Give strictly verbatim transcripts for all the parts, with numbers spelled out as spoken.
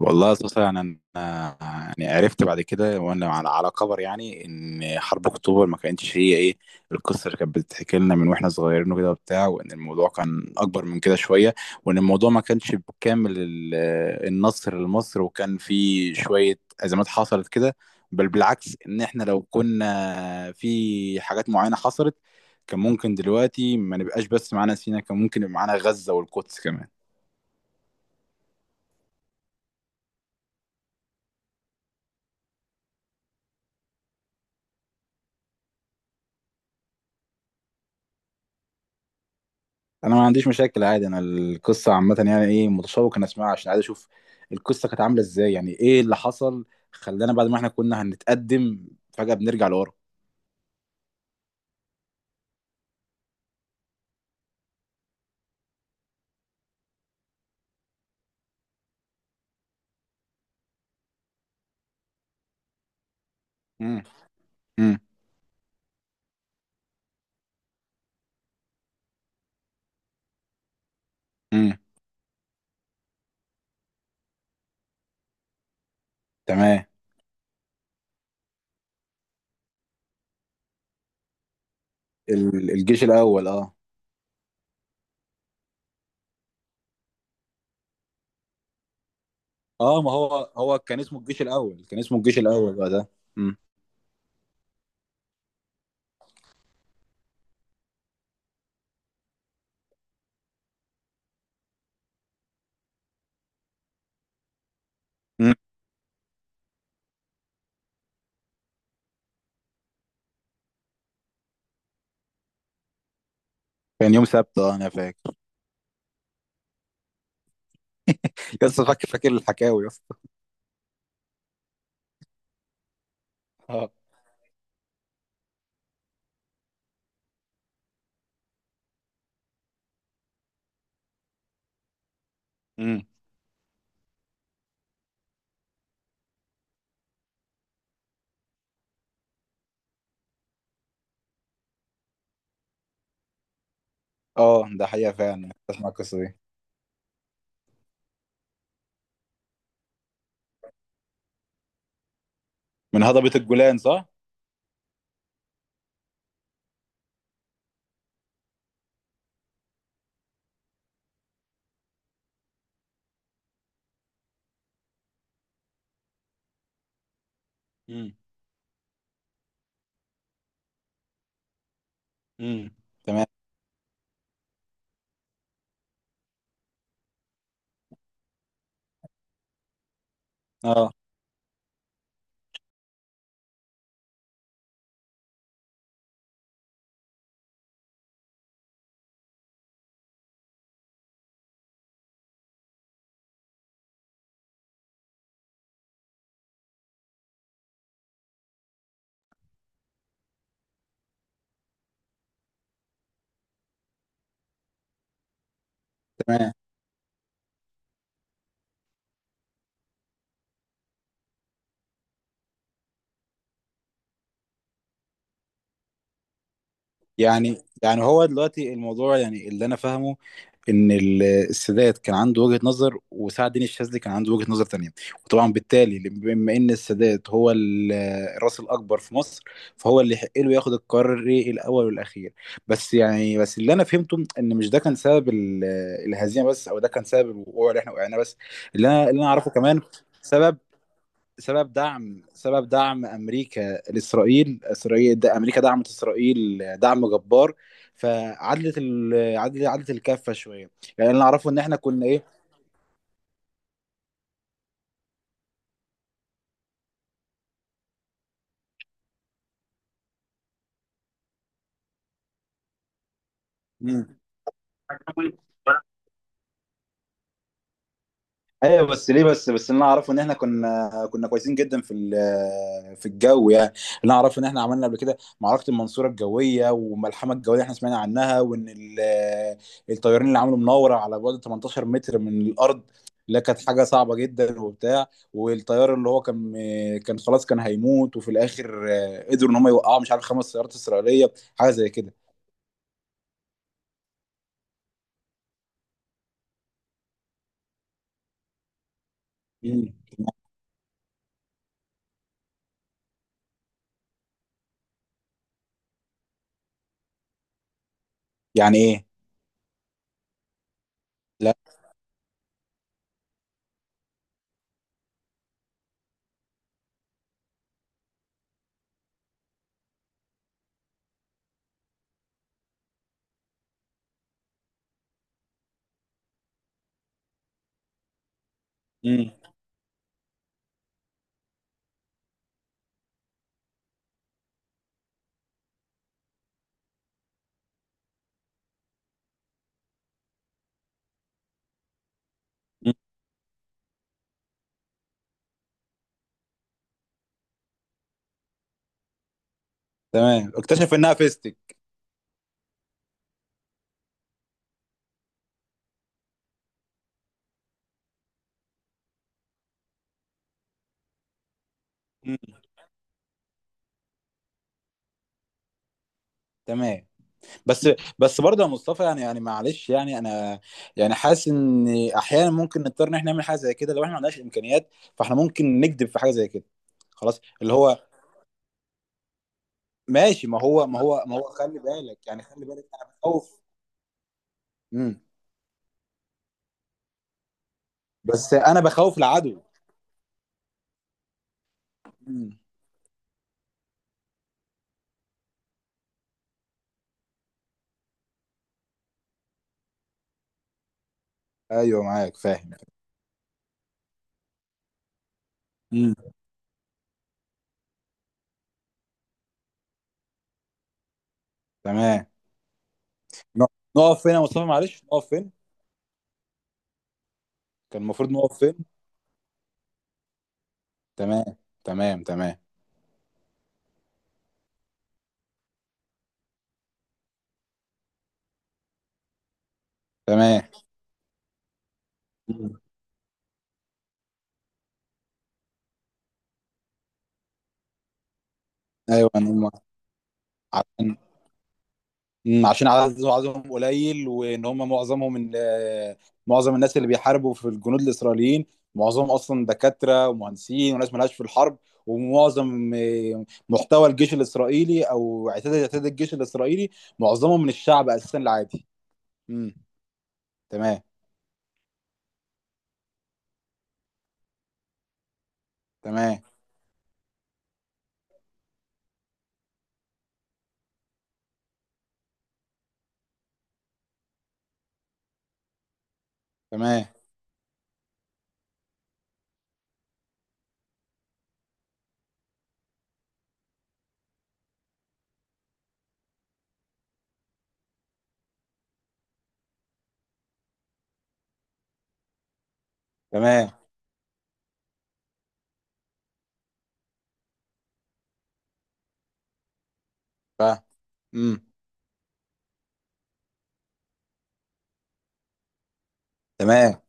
والله أساسا يعني أنا يعني عرفت بعد كده وأنا على على خبر يعني إن حرب أكتوبر ما كانتش هي إيه القصة اللي كانت بتتحكي لنا من وإحنا صغيرين وكده وبتاع، وإن الموضوع كان أكبر من كده شوية، وإن الموضوع ما كانش بكامل ال- النصر لمصر، وكان في شوية أزمات حصلت كده. بل بالعكس، إن إحنا لو كنا في حاجات معينة حصلت كان ممكن دلوقتي ما نبقاش بس معانا سيناء، كان ممكن يبقى معانا غزة والقدس كمان. انا ما عنديش مشاكل عادي، انا القصه عامه يعني ايه متشوق ان اسمعها عشان عايز اشوف القصه كانت عامله ازاي، يعني ايه اللي حصل خلانا بعد ما احنا كنا هنتقدم فجاه بنرجع لورا. امم امم امم تمام. ال- الجيش الاول، اه. اه، ما هو هو كان اسمه الجيش الاول، كان اسمه الجيش الاول بقى ده. امم امم كان يوم سبت، اه انا فاكر. لسه فاكر، فاكر الحكاوي يا اسطى. اه. امم اه، ده حقيقه فعلا، اسمع القصه دي. من هضبه الجولان صح. امم امم تمام. اه. تمام. يعني يعني هو دلوقتي الموضوع يعني اللي انا فاهمه ان ال- السادات كان عنده وجهة نظر، وسعد الدين الشاذلي كان عنده وجهة نظر تانية، وطبعا بالتالي بما ان السادات هو ال- الراس الاكبر في مصر، فهو اللي يحق له ياخد القرار إيه الاول والاخير. بس يعني، بس اللي انا فهمته ان مش ده كان سبب ال- الهزيمة بس، او ده كان سبب الوقوع اللي احنا وقعنا بس. اللي انا اللي انا اعرفه كمان، سبب سبب دعم سبب دعم امريكا لاسرائيل اسرائيل ده امريكا دعمت اسرائيل دعم جبار، فعدلت ال... عدلت عدلت الكفه شويه. يعني اللي اعرفه ان احنا كنا ايه. مم. ايوه بس ليه، بس بس اللي انا اعرفه ان احنا كنا كنا كويسين جدا في ال- في الجو، يعني اللي انا اعرفه ان احنا عملنا قبل كده معركه المنصوره الجويه والملحمه الجويه اللي احنا سمعنا عنها، وان ال- الطيارين اللي عملوا مناوره على بعد تمنتاشر متر من الارض. لا، كانت حاجه صعبه جدا وبتاع. والطيار اللي هو كان كان خلاص كان هيموت، وفي الاخر آه، قدروا ان هم يوقعوا مش عارف خمس سيارات اسرائيليه، حاجه زي كده. مم. يعني ايه. لا. مم. مم. تمام، اكتشف انها فيستك. مم. تمام. بس، بس برضه يا مصطفى، يعني يعني معلش يعني انا يعني حاسس ان احيانا ممكن نضطر ان احنا نعمل حاجه زي كده لو احنا ما عندناش امكانيات، فاحنا ممكن نكذب في حاجه زي كده. خلاص اللي هو ماشي، ما هو ما هو ما هو خلي بالك، يعني خلي بالك انا بخوف. امم. بس انا بخوف العدو. امم. ايوه معاك فاهم. امم. تمام. ن- نقف فين يا مصطفى، معلش نقف فين. كان المفروض نقف فين. تمام تمام تمام تمام مم. ايوه انا عشان، مم، عشان عدد- عددهم قليل، وان هم معظمهم من آه، معظم الناس اللي بيحاربوا في الجنود الاسرائيليين، معظمهم اصلا دكاتره ومهندسين وناس مالهاش في الحرب، ومعظم آه، محتوى الجيش الاسرائيلي او اعتاد اعتاد الجيش الاسرائيلي معظمهم من الشعب اساسا العادي. امم. تمام تمام تمام تمام. فاهم. امم. تمام.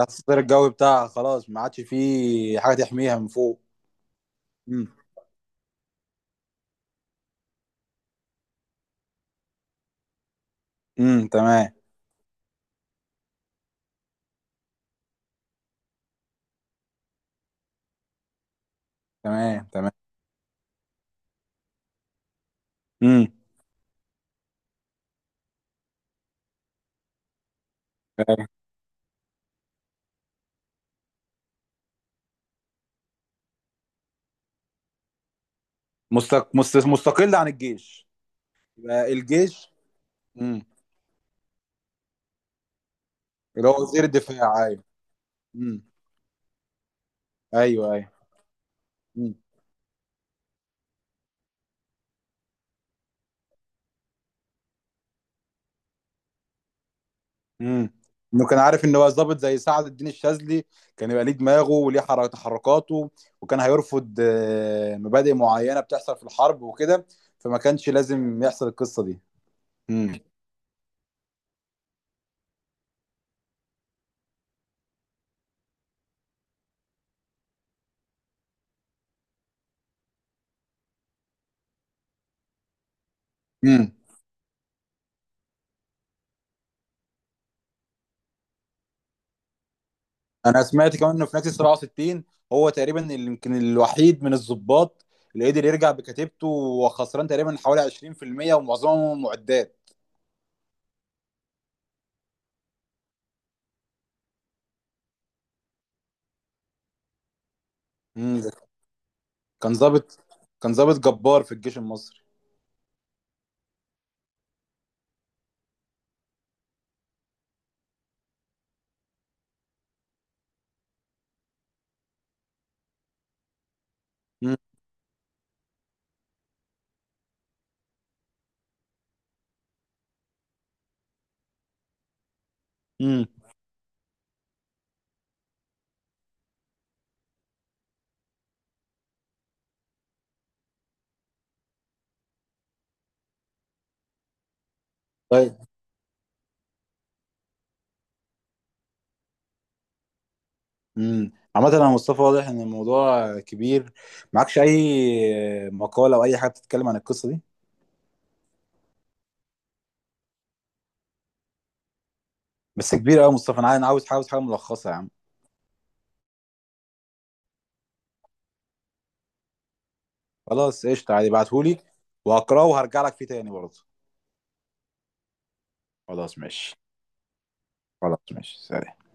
الستار الجوي بتاعها خلاص ما عادش فيه حاجه تحميها من فوق. امم امم تمام. تمام تمام امم. مستق... مست... مستقل عن الجيش. يبقى الجيش. امم. اللي هو وزير الدفاع، ايوه. امم. ايوه ايوه امم. امم. انه كان عارف ان هو ظابط زي سعد الدين الشاذلي، كان يبقى ليه دماغه وليه حر- تحركاته، وكان هيرفض آه، مبادئ معينه بتحصل في الحرب وكده، فما كانش لازم يحصل القصه دي. امم امم انا سمعت كمان انه في نكسة سبعة وستين هو تقريبا اللي يمكن الوحيد من الضباط اللي قدر يرجع بكتيبته وخسران تقريبا حوالي عشرين في المية ومعظمهم معدات. امم. ده كان ضابط، كان ضابط جبار في الجيش المصري. امم امم طيب. امم. عامة يا مصطفى واضح ان الموضوع كبير، معكش اي مقالة او اي حاجة بتتكلم عن القصة دي. بس كبير قوي يا مصطفى، انا عايز، عاوز عاوز حاجة ملخصة يا عم. خلاص قشطة عادي، ابعتهولي، وهقراه وهرجع لك فيه تاني برضه. خلاص ماشي. خلاص ماشي، سلام.